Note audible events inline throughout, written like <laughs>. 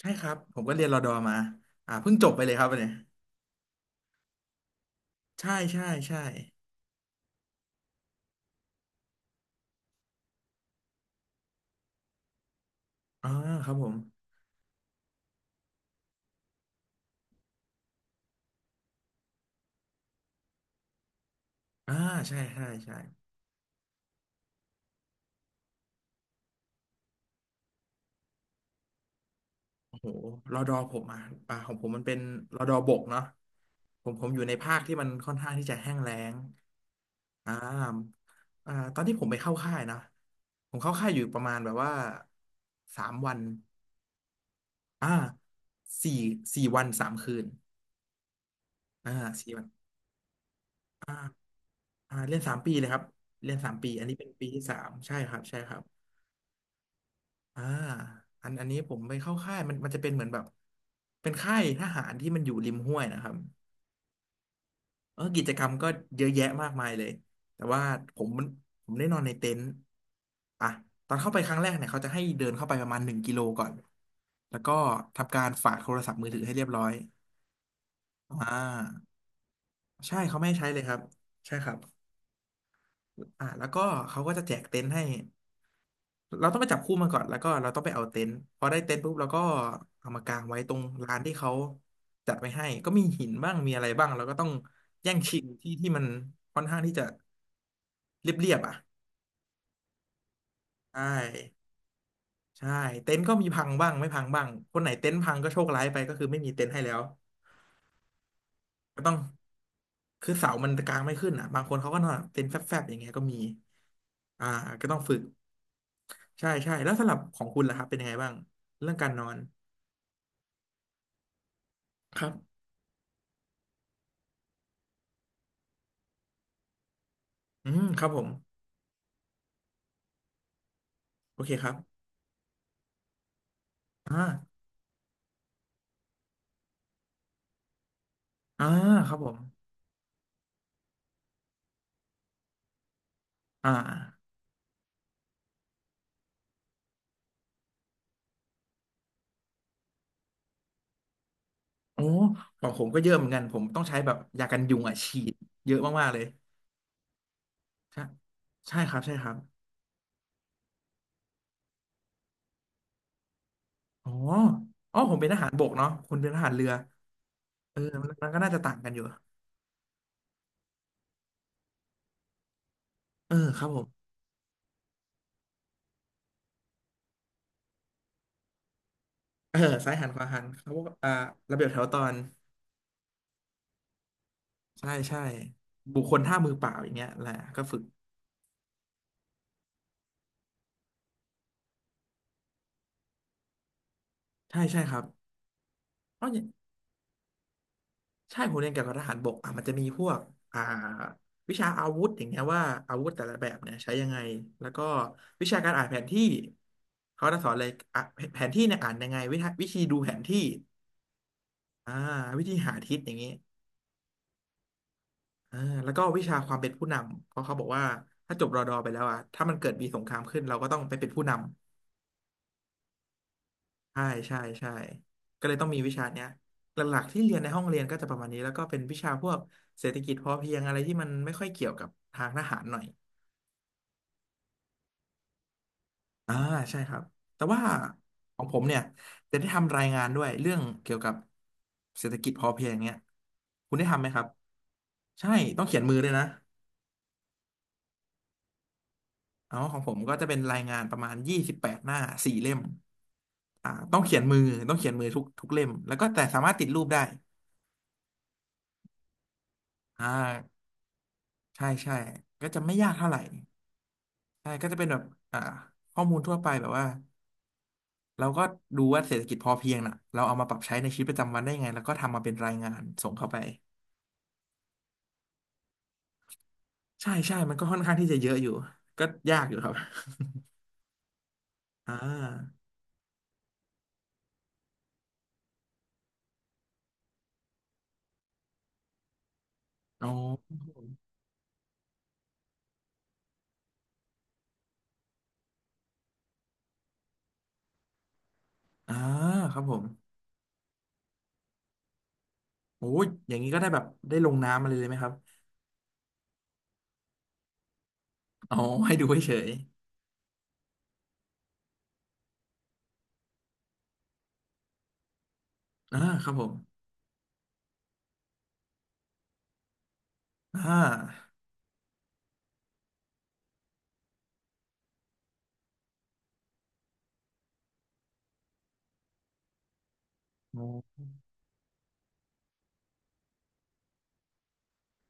ใช่ครับผมก็เรียนรอดอมาเพิ่งจบไปเลยครับเนี่ยใช่ใช่ใช่อ่าครับผมอ่าใช่ใช่ใช่โอ้โหรอดอผมอ่ะของผมมันเป็นรอดอบกเนาะผมอยู่ในภาคที่มันค่อนข้างที่จะแห้งแล้งอ่าอ่าตอนที่ผมไปเข้าค่ายนะผมเข้าค่ายอยู่ประมาณแบบว่าสามวันอ่าสี่สี่วันสามคืนอ่าสี่วันอ่าอ่าเรียนสามปีเลยครับเรียนสามปีอันนี้เป็นปีที่สามใช่ครับใช่ครับ อ่าอันนี้ผมไปเข้าค่ายมันจะเป็นเหมือนแบบเป็นค่ายทหารที่มันอยู่ริมห้วยนะครับเออกิจกรรมก็เยอะแยะมากมายเลยแต่ว่าผมมันผมได้นอนในเต็นท์อ่ะตอนเข้าไปครั้งแรกเนี่ยเขาจะให้เดินเข้าไปประมาณหนึ่งกิโลก่อนแล้วก็ทำการฝากโทรศัพท์มือถือให้เรียบร้อยอ่าใช่เขาไม่ให้ใช้เลยครับใช่ครับอ่าแล้วก็เขาก็จะแจกเต็นท์ให้ เราต้องไปจับคู่มาก่อนแล้วก็เราต้องไปเอาเต็นท์พอได้เต็นท์ปุ๊บเราก็เอามากางไว้ตรงลานที่เขาจัดไว้ให้ก็มีหินบ้างมีอะไรบ้างเราก็ต้องแย่งชิงที่ที่มันค่อนข้างที่จะเรียบๆอ่ะใช่ใช่เต็นท์ก็มีพังบ้างไม่พังบ้างคนไหนเต็นท์พังก็โชคร้ายไปก็คือไม่มีเต็นท์ให้แล้วก็ต้องคือเสามันกางไม่ขึ้นอ่ะบางคนเขาก็นอนเต็นท์แฟบๆอย่างเงี้ยก็มีอ่าก็ต้องฝึกใช่ใช่แล้วสำหรับของคุณล่ะครับเป็นยังไงบ้างเรื่องการนอนครับอืมครับผมโอเคครับ อ่าอ่าครับผมอ่าโอ้ของผมก็เยอะเหมือนกันผมต้องใช้แบบยากันยุงอ่ะฉีดเยอะมากๆเลยใช่ใช่ครับใช่ครับอ๋ออ๋อผมเป็นทหารบกเนาะคุณเป็นทหารเรือเออมันก็น่าจะต่างกันอยู่ เออครับผมเออซ้ายหันขวาหันเขาบอกอ่าระเบียบแถวตอนใช่ใช่บุคคลท่ามือเปล่าอย่างเงี้ยแหละก็ฝึกใช่ใช่ครับอ๋อ ใช่ผมเรียนเกี่ยวกับทหารบกอ่ะมันจะมีพวกอ่าวิชาอาวุธอย่างเงี้ยว่าอาวุธแต่ละแบบเนี่ยใช้ยังไง แล้วก็วิชาการอ่านแผนที่เขาจะสอนเลยอ่ะแผนที่เนี่ยอ่านยังไงวิธีดูแผนที่อ่าวิธีหาทิศอย่างงี้อ่าแล้วก็วิชาความเป็นผู้นำเพราะเขาบอกว่าถ้าจบรอดอไปแล้วอ่ะถ้ามันเกิดมีสงครามขึ้นเราก็ต้องไปเป็นผู้นำใช่ใช่ใช่ก็เลยต้องมีวิชาเนี้ยหลักๆที่เรียนในห้องเรียนก็จะประมาณนี้แล้วก็เป็นวิชาพวกเศรษฐกิจพอเพียงอะไรที่มันไม่ค่อยเกี่ยวกับทางทหารหน่อย อ่าใช่ครับแต่ว่าของผมเนี่ยจะได้ทำรายงานด้วยเรื่องเกี่ยวกับเศรษฐกิจพอเพียงเนี้ยคุณได้ทำไหมครับใช่ต้องเขียนมือด้วยนะเอาของผมก็จะเป็นรายงานประมาณยี่สิบแปดหน้าสี่เล่มอ่าต้องเขียนมือต้องเขียนมือทุกเล่มแล้วก็แต่สามารถติดรูปได้อ่าใช่ใช่ก็จะไม่ยากเท่าไหร่ใช่ก็จะเป็นแบบอ่าข้อมูลทั่วไปแบบว่าเราก็ดูว่าเศรษฐกิจพอเพียงน่ะเราเอามาปรับใช้ในชีวิตประจำวันได้ยังไงแล้วก็ทำมาเป็นรายงานส่งเข้าไป ใช่ใช่มันก็ค่อนข้างที่จะเยอะอยู่ ก็ยากอยู่ครับ <laughs> อ่าอ๋ออ่าครับผมโอ้ยอย่างนี้ก็ได้แบบได้ลงน้ำอะไรเลยไหมครับอ๋อให้ดูเฉยๆอ่าครับผมอ่าโอ้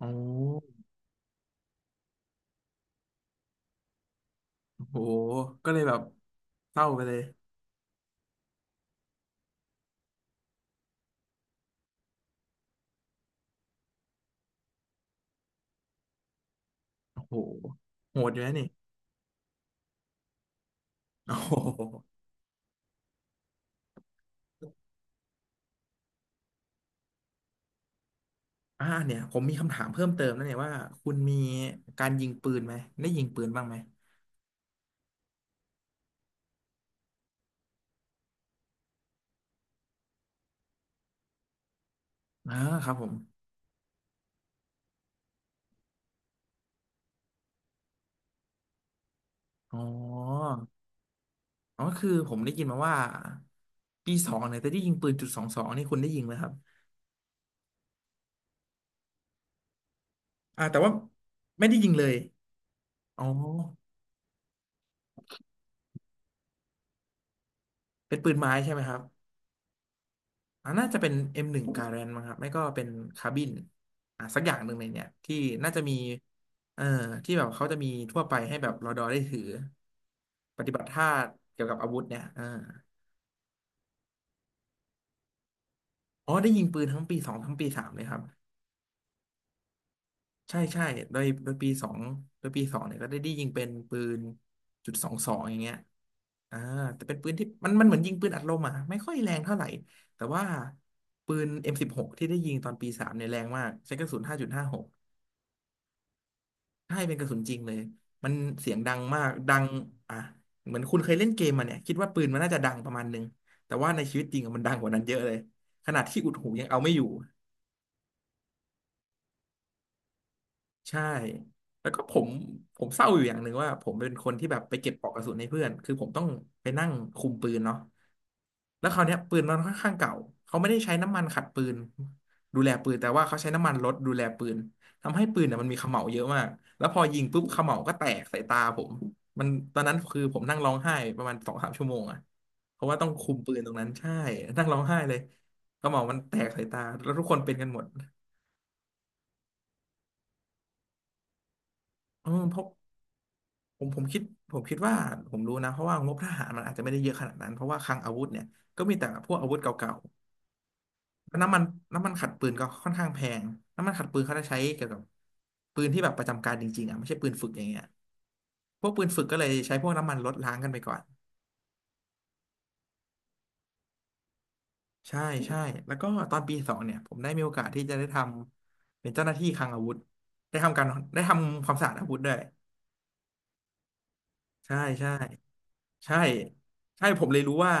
โอ้โหก็เลยแบบเศร้าไปเลยโอ้โหโหดอยู่นะนี่ <laughs> โอ้โหอ่าเนี่ยผมมีคำถามเพิ่มเติมนะเนี่ยว่าคุณมีการยิงปืนไหมได้ยิงปืนบ้างไหมอ่าครับผมอ๋อ อ๋อคือผมได้ยินมาว่าปีสองเนี่ยจะได้ยิงปืนจุดสองสองนี่คุณได้ยิงไหมครับอ่าแต่ว่าไม่ได้ยิงเลยอ๋อเป็นปืนไม้ใช่ไหมครับอ่าน่าจะเป็น M1 Garand มั้งครับไม่ก็เป็นคาบินอ่าสักอย่างหนึ่งในเนี่ยที่น่าจะมีเอ่อที่แบบเขาจะมีทั่วไปให้แบบรอดอได้ถือปฏิบัติท่าเกี่ยวกับอาวุธเนี่ยอ่าอ๋อได้ยิงปืนทั้งปีสองทั้งปีสามเลยครับ ใช่ใช่โดยปีสองโดยปีสองเนี่ยก็ได้ยิงเป็นปืนจุดสองสองอย่างเงี้ยอ่าแต่เป็นปืนที่มันเหมือนยิงปืนอัดลมอ่ะไม่ค่อยแรงเท่าไหร่แต่ว่าปืน M16 ที่ได้ยิงตอนปีสามเนี่ยแรงมากใช้กระสุนห้าจุดหาหกใช่เป็นกระสุนจริงเลยมันเสียงดังมากดังอ่ะเหมือนคุณเคยเล่นเกมมาเนี่ยคิดว่าปืนมันน่าจะดังประมาณนึงแต่ว่าในชีวิตจริงอะมันดังกว่านั้นเยอะเลยขนาดที่อุดหูยังเอาไม่อยู่ ใช่ แล้วก็ผมเศร้าอยู่อย่างหนึ่งว่าผมเป็นคนที่แบบไปเก็บปลอกกระสุนให้เพื่อนคือผมต้องไปนั่งคุมปืนเนาะแล้วคราวเนี้ยปืนมันค่อนข้างเก่าเขาไม่ได้ใช้น้ำมันขัดปืนดูแลปืนแต่ว่าเขาใช้น้ำมันรถดูแลปืนทำให้ปืนเนี่ยมันมีเขม่าเยอะมากแล้วพอยิงปุ๊บเขม่าก็แตกใส่ตาผมมันตอนนั้นคือผมนั่งร้องไห้ประมาณสองสามชั่วโมงอะเพราะว่าต้องคุมปืนตรงนั้นใช่นั่งร้องไห้เลยเขม่ามันแตกใส่ตาแล้วทุกคนเป็นกันหมดอืมเพราะ ผมคิดผมคิดว่าผมรู้นะเพราะว่างบทหารมันอาจจะไม่ได้เยอะขนาดนั้นเพราะว่าคลังอาวุธเนี่ยก็มีแต่พวกอาวุธเก่าๆแล้วน้ำมันขัดปืนก็ค่อนข้างแพงน้ำมันขัดปืนเขาจะใช้เกี่ยวกับปืนที่แบบประจำการจริงๆอ่ะไม่ใช่ปืนฝึกอย่างเงี้ยพวกปืนฝึกก็เลยใช้พวกน้ำมันลดล้างกันไปก่อนใช่ใช่แล้วก็ตอนปีสองเนี่ยผมได้มีโอกาสที่จะได้ทำเป็นเจ้าหน้าที่คลังอาวุธได้ทำการได้ทำความสะอาดอาวุธด้วยใช่ใช่ ใช่ใช่ผมเลยรู้ว่า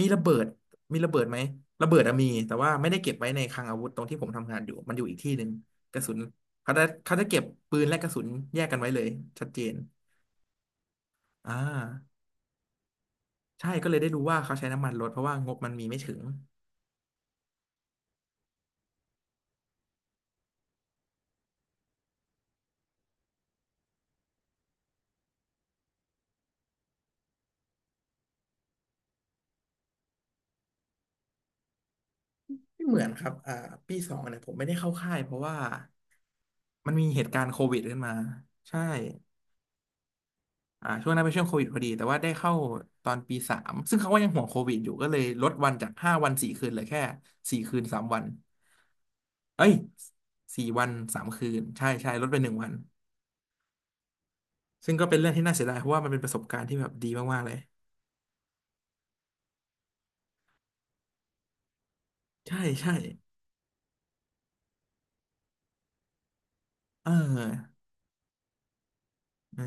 มีระเบิดมีระเบิดไหมระเบิดอะมีแต่ว่าไม่ได้เก็บไว้ในคลังอาวุธตรงที่ผมทำงานอยู่มันอยู่อีกที่หนึ่งกระสุนเขาจะเก็บปืนและกระสุนแยกกันไว้เลยชัดเจนอ่าใช่ก็เลยได้รู้ว่าเขาใช้น้ำมันลดเพราะว่างบมันมีไม่ถึงไม่เหมือนครับปีสองเนี่ยผมไม่ได้เข้าค่ายเพราะว่ามันมีเหตุการณ์โควิดขึ้นมาใช่ อ่าช่วงนั้นเป็นช่วงโควิดพอดีแต่ว่าได้เข้าตอนปีสามซึ่งเขาก็ยังห่วงโควิดอยู่ก็เลยลดวันจากห้าวันสี่คืนเหลือแค่สี่คืนสามวันเอ้ยสี่วันสามคืนใช่ใช่ลดไปหนึ่งวันซึ่งก็เป็นเรื่องที่น่าเสียดายเพราะว่ามันเป็นประสบการณ์ที่แบบดีมากๆเลยใช่ใช่เออเออ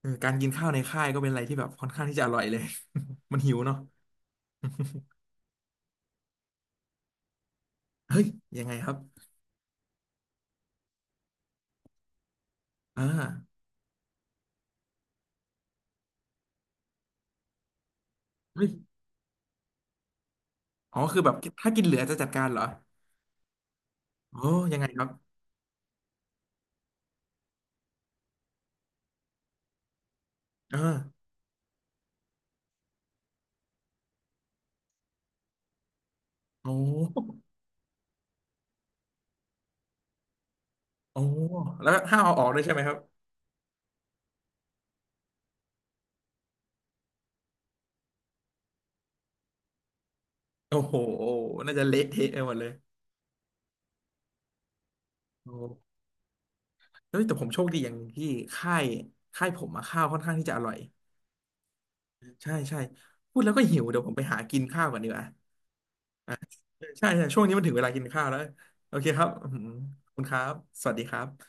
เออการกินข้าวในค่ายก็เป็นอะไรที่แบบค่อนข้างที่จะอร่อยเลย <laughs> มันหิวเนาะเฮ้ยยังไงครับอ่าเฮ้ยอ๋อคือแบบถ้ากินเหลือจะจัดการเหรอโอ้ยังไงครับเออโอ้ โอ้แล้วห้ามเอาออกด้วยใช่ไหมครับโอ้โหน่าจะเละเทะไปหมดเลยโอ้เฮ้ยแต่ผมโชคดีอย่างที่ค่ายค่ายผมอะข้าวค่อนข้างที่จะอร่อยใช่ใช่พูดแล้วก็หิวเดี๋ยวผมไปหากินข้าวก่อนดีกว่าใช่ใช่ช่วงนี้มันถึงเวลากินข้าวแล้วโอเคครับอืมขอบคุณครับสวัสดีครับ